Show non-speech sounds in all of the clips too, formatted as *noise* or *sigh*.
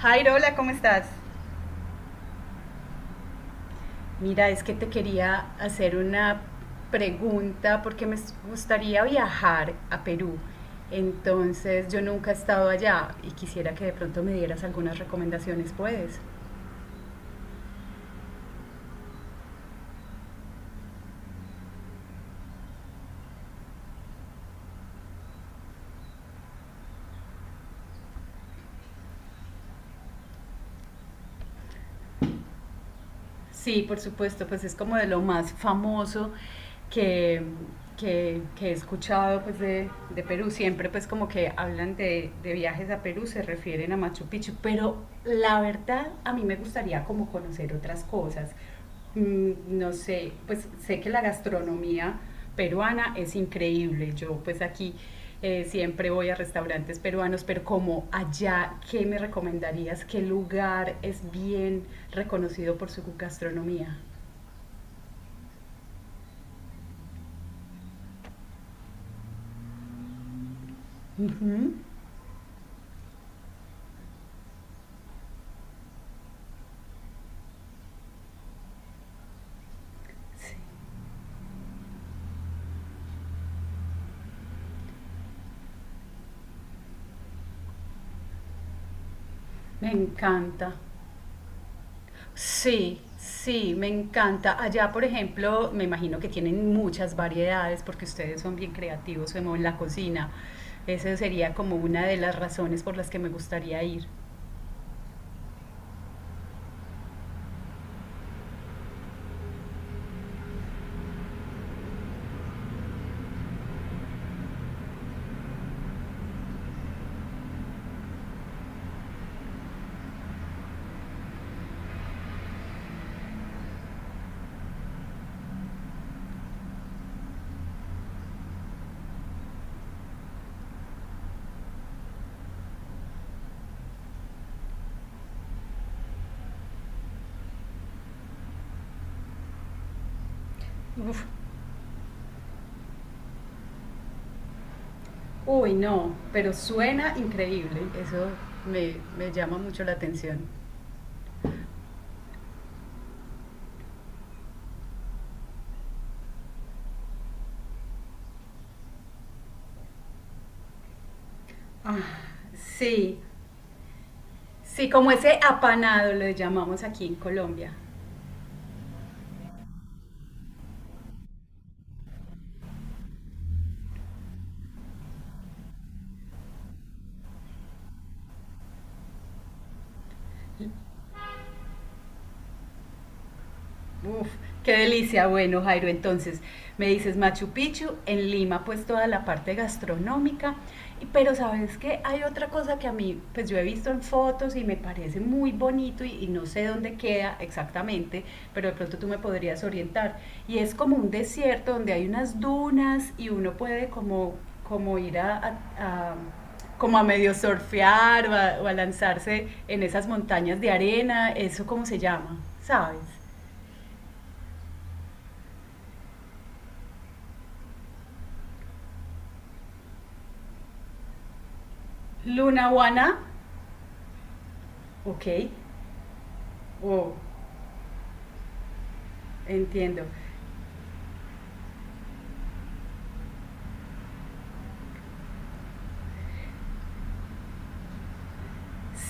Jairo, hola, ¿cómo estás? Mira, es que te quería hacer una pregunta porque me gustaría viajar a Perú. Entonces, yo nunca he estado allá y quisiera que de pronto me dieras algunas recomendaciones, ¿puedes? Sí, por supuesto. Pues es como de lo más famoso que, que he escuchado pues de Perú. Siempre pues como que hablan de viajes a Perú, se refieren a Machu Picchu, pero la verdad a mí me gustaría como conocer otras cosas. No sé, pues sé que la gastronomía peruana es increíble. Yo pues aquí siempre voy a restaurantes peruanos, pero como allá, ¿qué me recomendarías? ¿Qué lugar es bien reconocido por su gastronomía? Ujú, sí, me encanta. Sí, sí, me encanta. Allá, por ejemplo, me imagino que tienen muchas variedades porque ustedes son bien creativos como en la cocina. Esa sería como una de las razones por las que me gustaría ir. Uf. Uy, no, pero suena increíble. Eso me llama mucho la atención. Ah, sí, sí, como ese apanado lo llamamos aquí en Colombia. Uf, qué delicia. Bueno, Jairo, entonces me dices Machu Picchu, en Lima pues toda la parte gastronómica, pero sabes que hay otra cosa que a mí pues yo he visto en fotos y me parece muy bonito y no sé dónde queda exactamente, pero de pronto tú me podrías orientar. Y es como un desierto donde hay unas dunas y uno puede como ir a como a medio surfear o a lanzarse en esas montañas de arena. Eso, ¿cómo se llama, sabes? Lunawana, ok, wow, entiendo.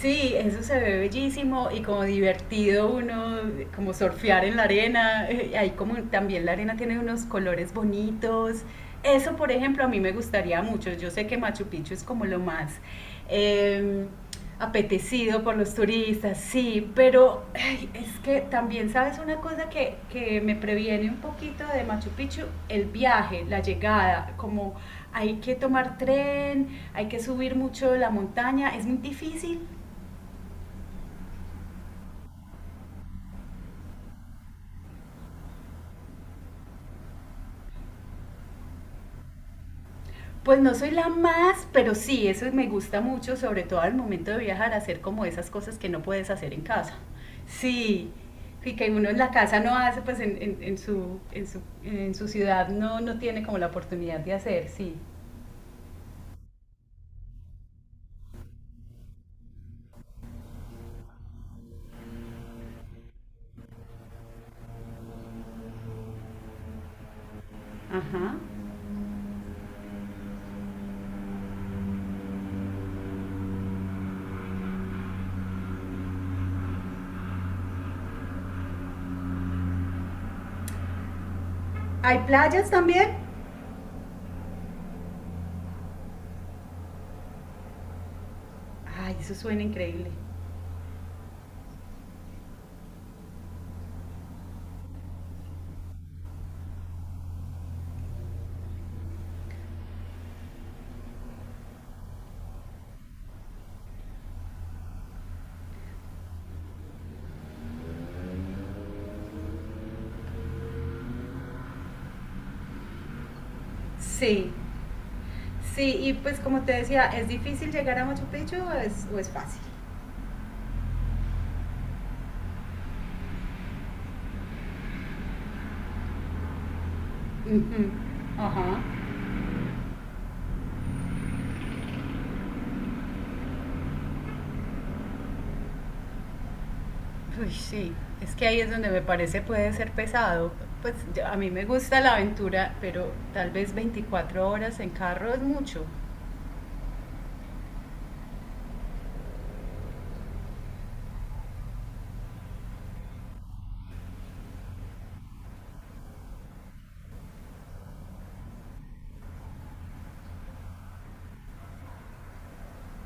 Sí, eso se ve bellísimo y como divertido uno, como surfear en la arena. Ahí como también la arena tiene unos colores bonitos. Eso, por ejemplo, a mí me gustaría mucho. Yo sé que Machu Picchu es como lo más eh, apetecido por los turistas, sí, pero ay, es que también sabes una cosa que me previene un poquito de Machu Picchu, el viaje, la llegada. Como hay que tomar tren, hay que subir mucho la montaña, es muy difícil. Pues no soy la más, pero sí, eso me gusta mucho, sobre todo al momento de viajar, hacer como esas cosas que no puedes hacer en casa. Sí, y que uno en la casa no hace, pues en su ciudad no, no tiene como la oportunidad de hacer, sí. Ajá. ¿Hay playas también? Ay, eso suena increíble. Sí, sí, y pues como te decía, ¿es difícil llegar a Machu Picchu o es fácil? Ujú. Ajá. Uy, sí, es que ahí es donde me parece puede ser pesado. Pues a mí me gusta la aventura, pero tal vez 24 horas en carro es mucho.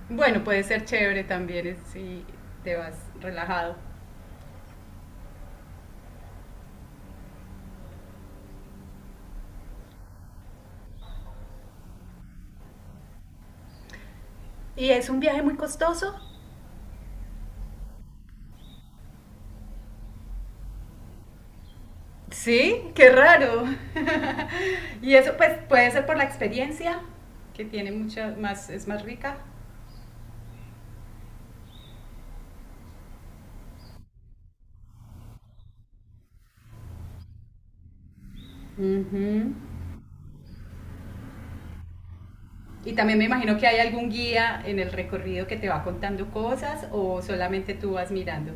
Bueno, puede ser chévere también, si te vas relajado. ¿Y es un viaje muy costoso? Sí, qué raro. *laughs* Y eso pues puede ser por la experiencia, que tiene mucha más, es más rica. Ujú. Y también me imagino que hay algún guía en el recorrido que te va contando cosas o solamente tú vas mirando.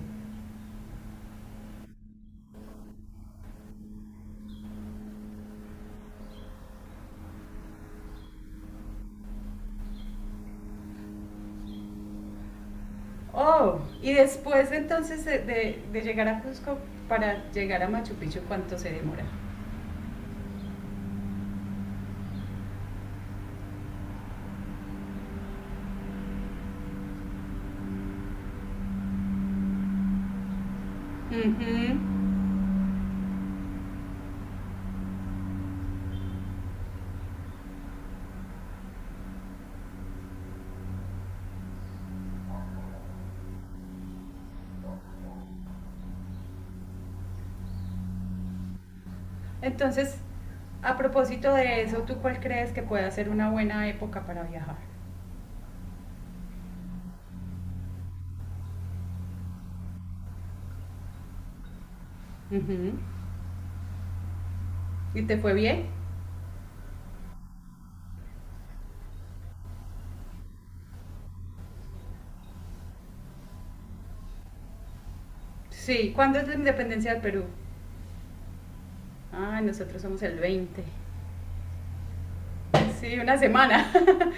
Oh, y después entonces de llegar a Cusco para llegar a Machu Picchu, ¿cuánto se demora? Ujú. Entonces, a propósito de eso, ¿tú cuál crees que puede ser una buena época para viajar? Ujú. ¿Y te fue bien? Sí, ¿cuándo es la independencia del Perú? Ah, nosotros somos el 20. Sí, una semana. *laughs*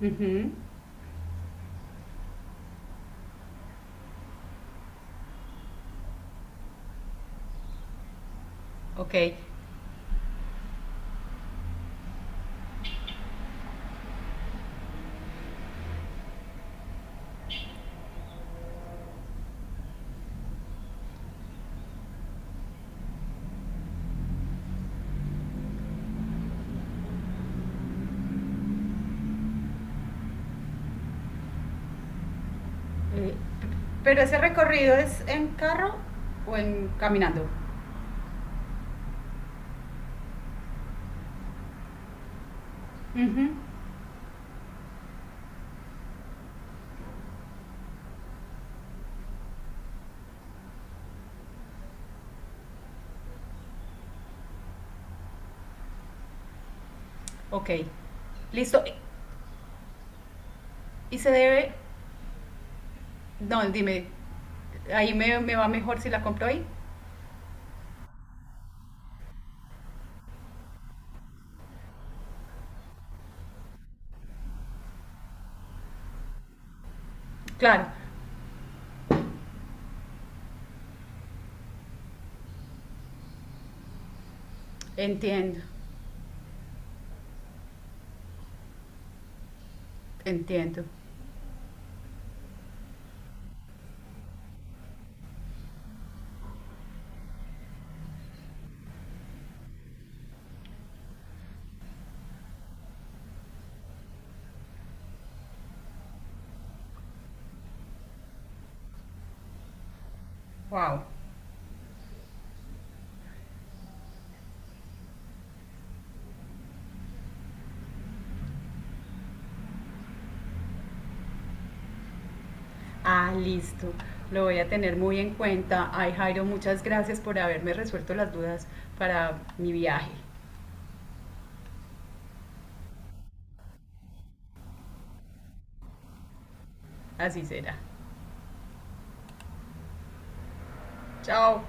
Ujú. Ok. Pero ese recorrido, ¿es en carro o en caminando? Ujú. Ok, listo. Y se debe, no, dime, ahí me va mejor si la compro ahí. Claro. Entiendo, entiendo. Wow. Ah, listo. Lo voy a tener muy en cuenta. Ay, Jairo, muchas gracias por haberme resuelto las dudas para mi viaje. Así será. Chao.